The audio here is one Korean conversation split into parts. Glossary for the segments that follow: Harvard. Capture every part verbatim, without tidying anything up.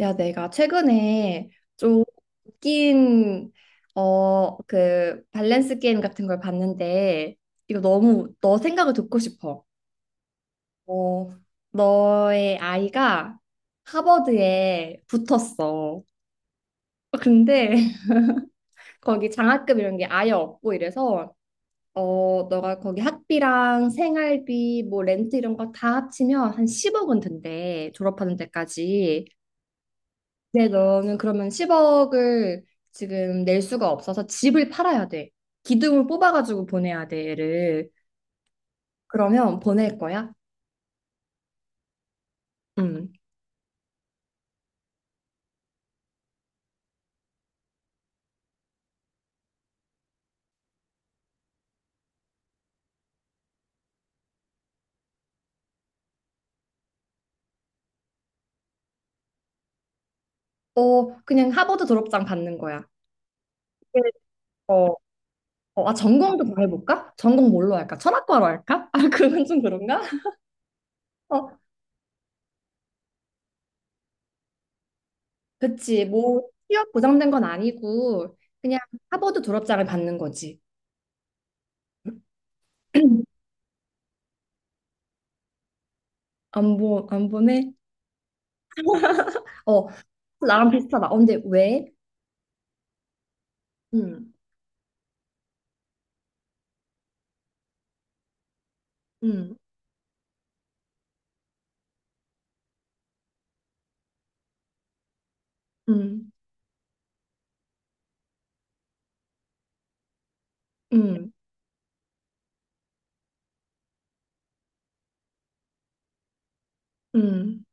야, 내가 최근에 좀 웃긴 어, 그 밸런스 게임 같은 걸 봤는데 이거 너무 너 생각을 듣고 싶어. 어, 너의 아이가 하버드에 붙었어. 근데 거기 장학금 이런 게 아예 없고 이래서 어, 너가 거기 학비랑 생활비 뭐 렌트 이런 거 다 합치면 한 십 억은 든대. 졸업하는 데까지. 근데 너는 그러면 십 억을 지금 낼 수가 없어서 집을 팔아야 돼. 기둥을 뽑아가지고 보내야 돼, 얘를. 그러면 보낼 거야? 음. 어, 그냥 하버드 졸업장 받는 거야. 네. 어, 어, 아, 전공도 더 해볼까? 전공 뭘로 할까? 철학과로 할까? 아, 그건 좀 그런가? 어, 그치. 뭐, 취업 보장된 건 아니고, 그냥 하버드 졸업장을 받는 거지. 안 보, 안 보내? 어, 나랑 비슷하다. 어, 근데 왜? 음, 음, 음. 음, 음,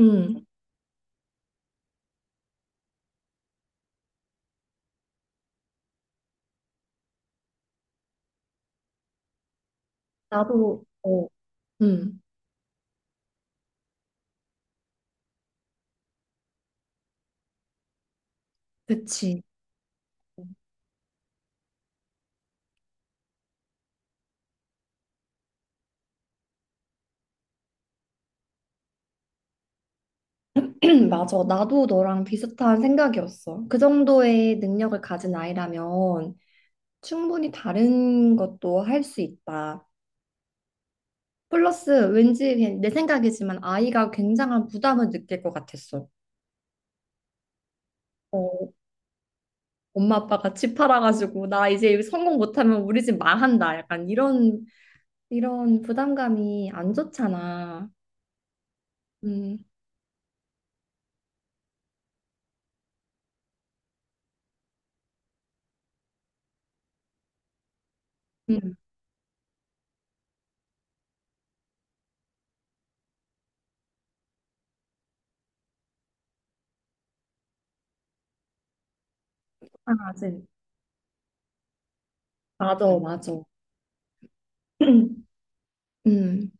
음. 나도, 어, 음, 그치. 맞아. 나도 너랑 비슷한 생각이었어. 그 정도의 능력을 가진 아이라면 충분히 다른 것도 할 수 있다. 플러스 왠지 그냥 내 생각이지만 아이가 굉장한 부담을 느낄 것 같았어. 어, 엄마 아빠가 집 팔아가지고 나 이제 성공 못하면 우리 집 망한다. 약간 이런 이런 부담감이 안 좋잖아. 음, 음, 아, 맞아, 맞아. 맞아. 음,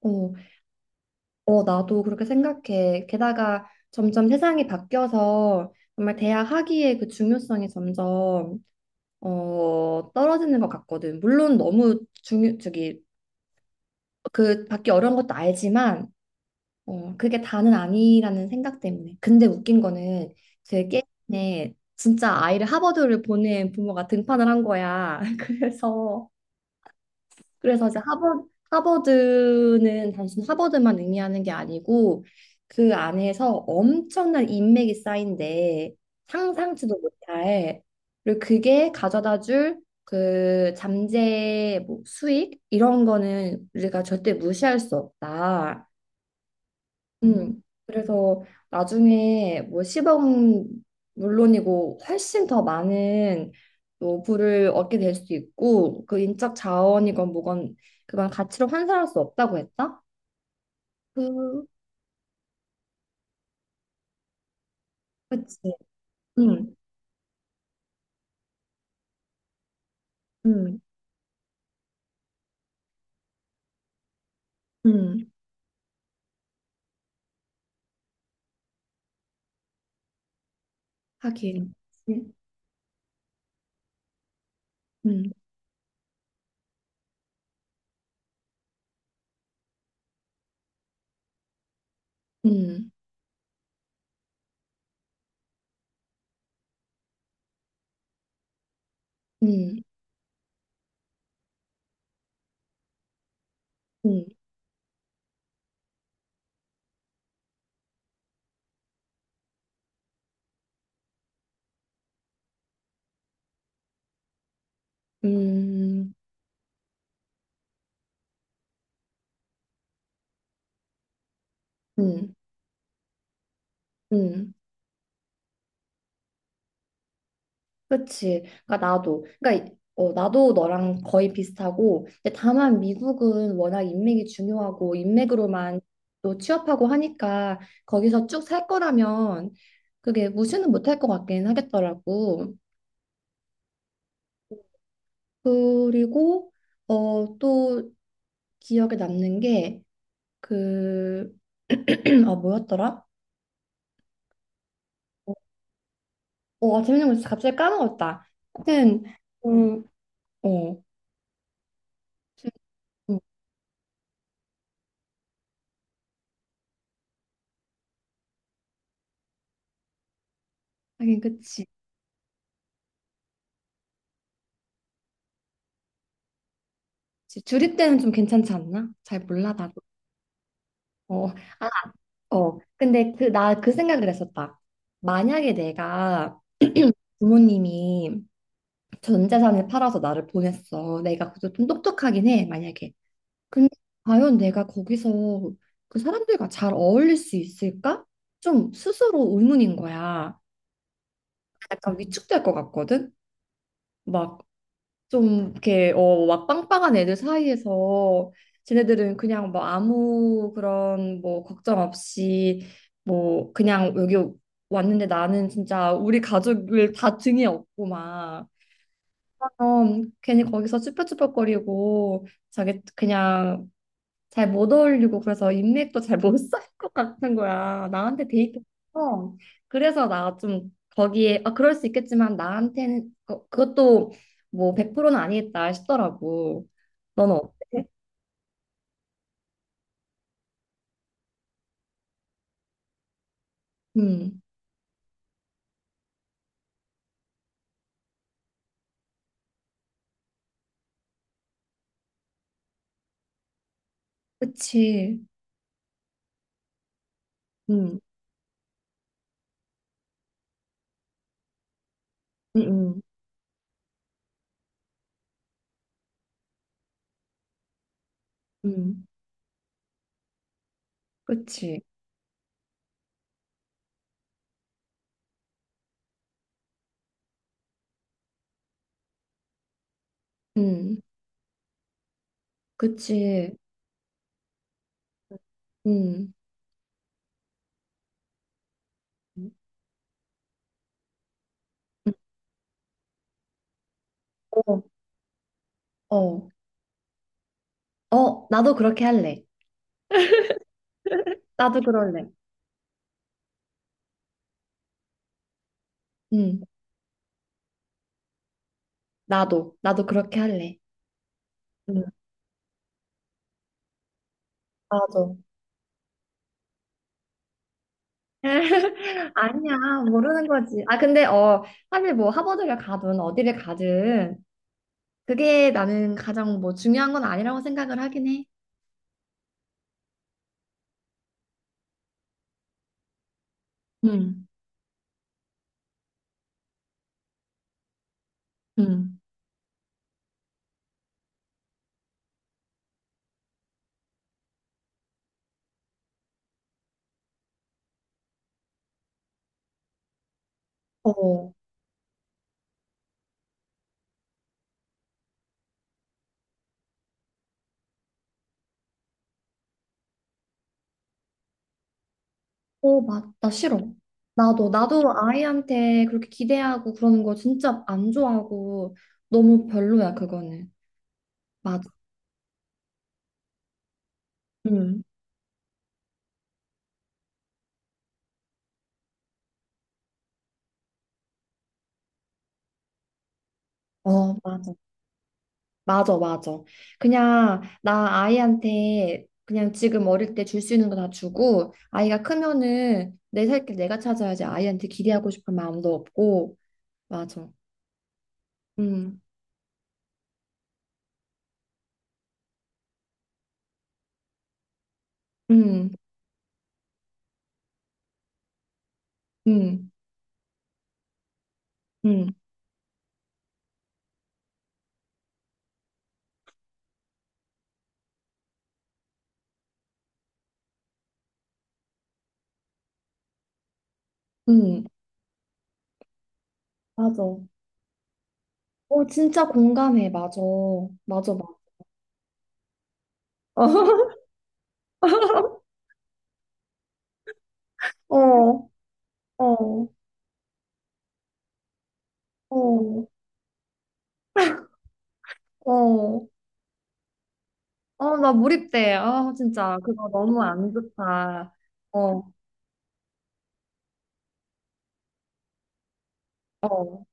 어, 어, 나도 그렇게 생각해. 게다가 점점 세상이 바뀌어서 정말 대학 학위의 그 중요성이 점점 어, 떨어지는 것 같거든. 물론 너무 중요, 저기 그 받기 어려운 것도 알지만 어, 그게 다는 아니라는 생각 때문에. 근데 웃긴 거는 제 게임에 진짜 아이를 하버드를 보낸 부모가 등판을 한 거야. 그래서 그래서 이제 하버드, 하버드는 단순 하버드만 의미하는 게 아니고 그 안에서 엄청난 인맥이 쌓인데 상상치도 못할 그리고 그게 가져다 줄그 잠재 뭐 수익 이런 거는 우리가 절대 무시할 수 없다. 음, 그래서 나중에 뭐 십 억은 물론이고 훨씬 더 많은 또 부를 얻게 될 수 있고 그 인적 자원이건 뭐건 그건 가치로 환산할 수 없다고 했다? 그, 그치. 음, 음, 음, 하긴. 음, 음, 음, 음, 음, 음, 음, 음. 그치. 그러니까 나도. 그러니까 어, 나도 너랑 거의 비슷하고. 근데 다만 미국은 워낙 인맥이 중요하고 인맥으로만 또 취업하고 하니까 거기서 쭉 살 거라면 그게 무시는 못할 것 같긴 하겠더라고. 그리고 어, 또 기억에 남는 게 그, 아, 뭐였더라? 어, 어, 아, 재밌는 거 있어. 갑자기 까먹었다. 하여튼, 음, 어, 주- 음, 하긴 그치. 그치. 주립대는 좀 괜찮지 않나? 잘 몰라, 어, 아, 어. 근데 그, 나 그 생각을 했었다. 만약에 내가 부모님이 전 재산을 팔아서 나를 보냈어. 내가 그래도 좀 똑똑하긴 해, 만약에. 근데 과연 내가 거기서 그 사람들과 잘 어울릴 수 있을까? 좀 스스로 의문인 거야. 약간 위축될 것 같거든? 막 좀 이렇게 어 막 빵빵한 애들 사이에서 쟤네들은 그냥 뭐 아무 그런 뭐 걱정 없이 뭐 그냥 여기 왔는데 나는 진짜 우리 가족을 다 등에 업고 막 어, 괜히 거기서 쭈뼛쭈뼛거리고 자기 그냥 잘 못 어울리고 그래서 인맥도 잘 못 쌓일 것 같은 거야. 나한테 데이트. 어. 그래서 나 좀 거기에 아 그럴 수 있겠지만 나한테는 그- 그것도 뭐 백 퍼센트는 아니겠다 싶더라고. 너는 어때? 음. 그치. 음. 음. 음. 음. 그치. 음. 그치. 음. 음. 어. 어. 어, 나도 그렇게 할래. 나도 그럴래. 음. 나도. 나도 그렇게 할래. 음. 맞아. 아니야, 모르는 거지. 아, 근데, 어, 사실 뭐 하버드를 가든 어디를 가든 그게 나는 가장 뭐 중요한 건 아니라고 생각을 하긴 해. 음, 음, 어, 어, 맞, 나 싫어. 나도, 나도 아이한테 그렇게 기대하고 그러는 거 진짜 안 좋아하고 너무 별로야, 그거는. 맞아. 음. 어, 맞아. 맞아, 맞아. 그냥 나 아이한테 그냥 지금 어릴 때 줄 수 있는 거 다 주고 아이가 크면은 내 살길 내가 찾아야지 아이한테 기대하고 싶은 마음도 없고 맞아. 음, 음, 음, 음, 음, 맞아. 어, 진짜 공감해. 맞아, 맞아, 맞아. 어, 어, 어, 어, 어, 나 몰입돼. 아, 진짜 그거 너무 안 좋다. 어, 어,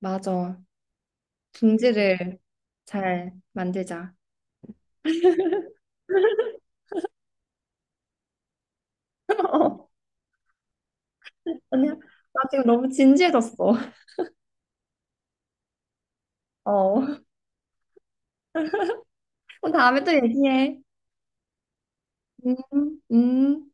맞아. 중지를. 잘 만들자. 어, 아니야. 나 지금 너무 진지해졌어. 어. 그럼 다음에 또 얘기해. 음, 음.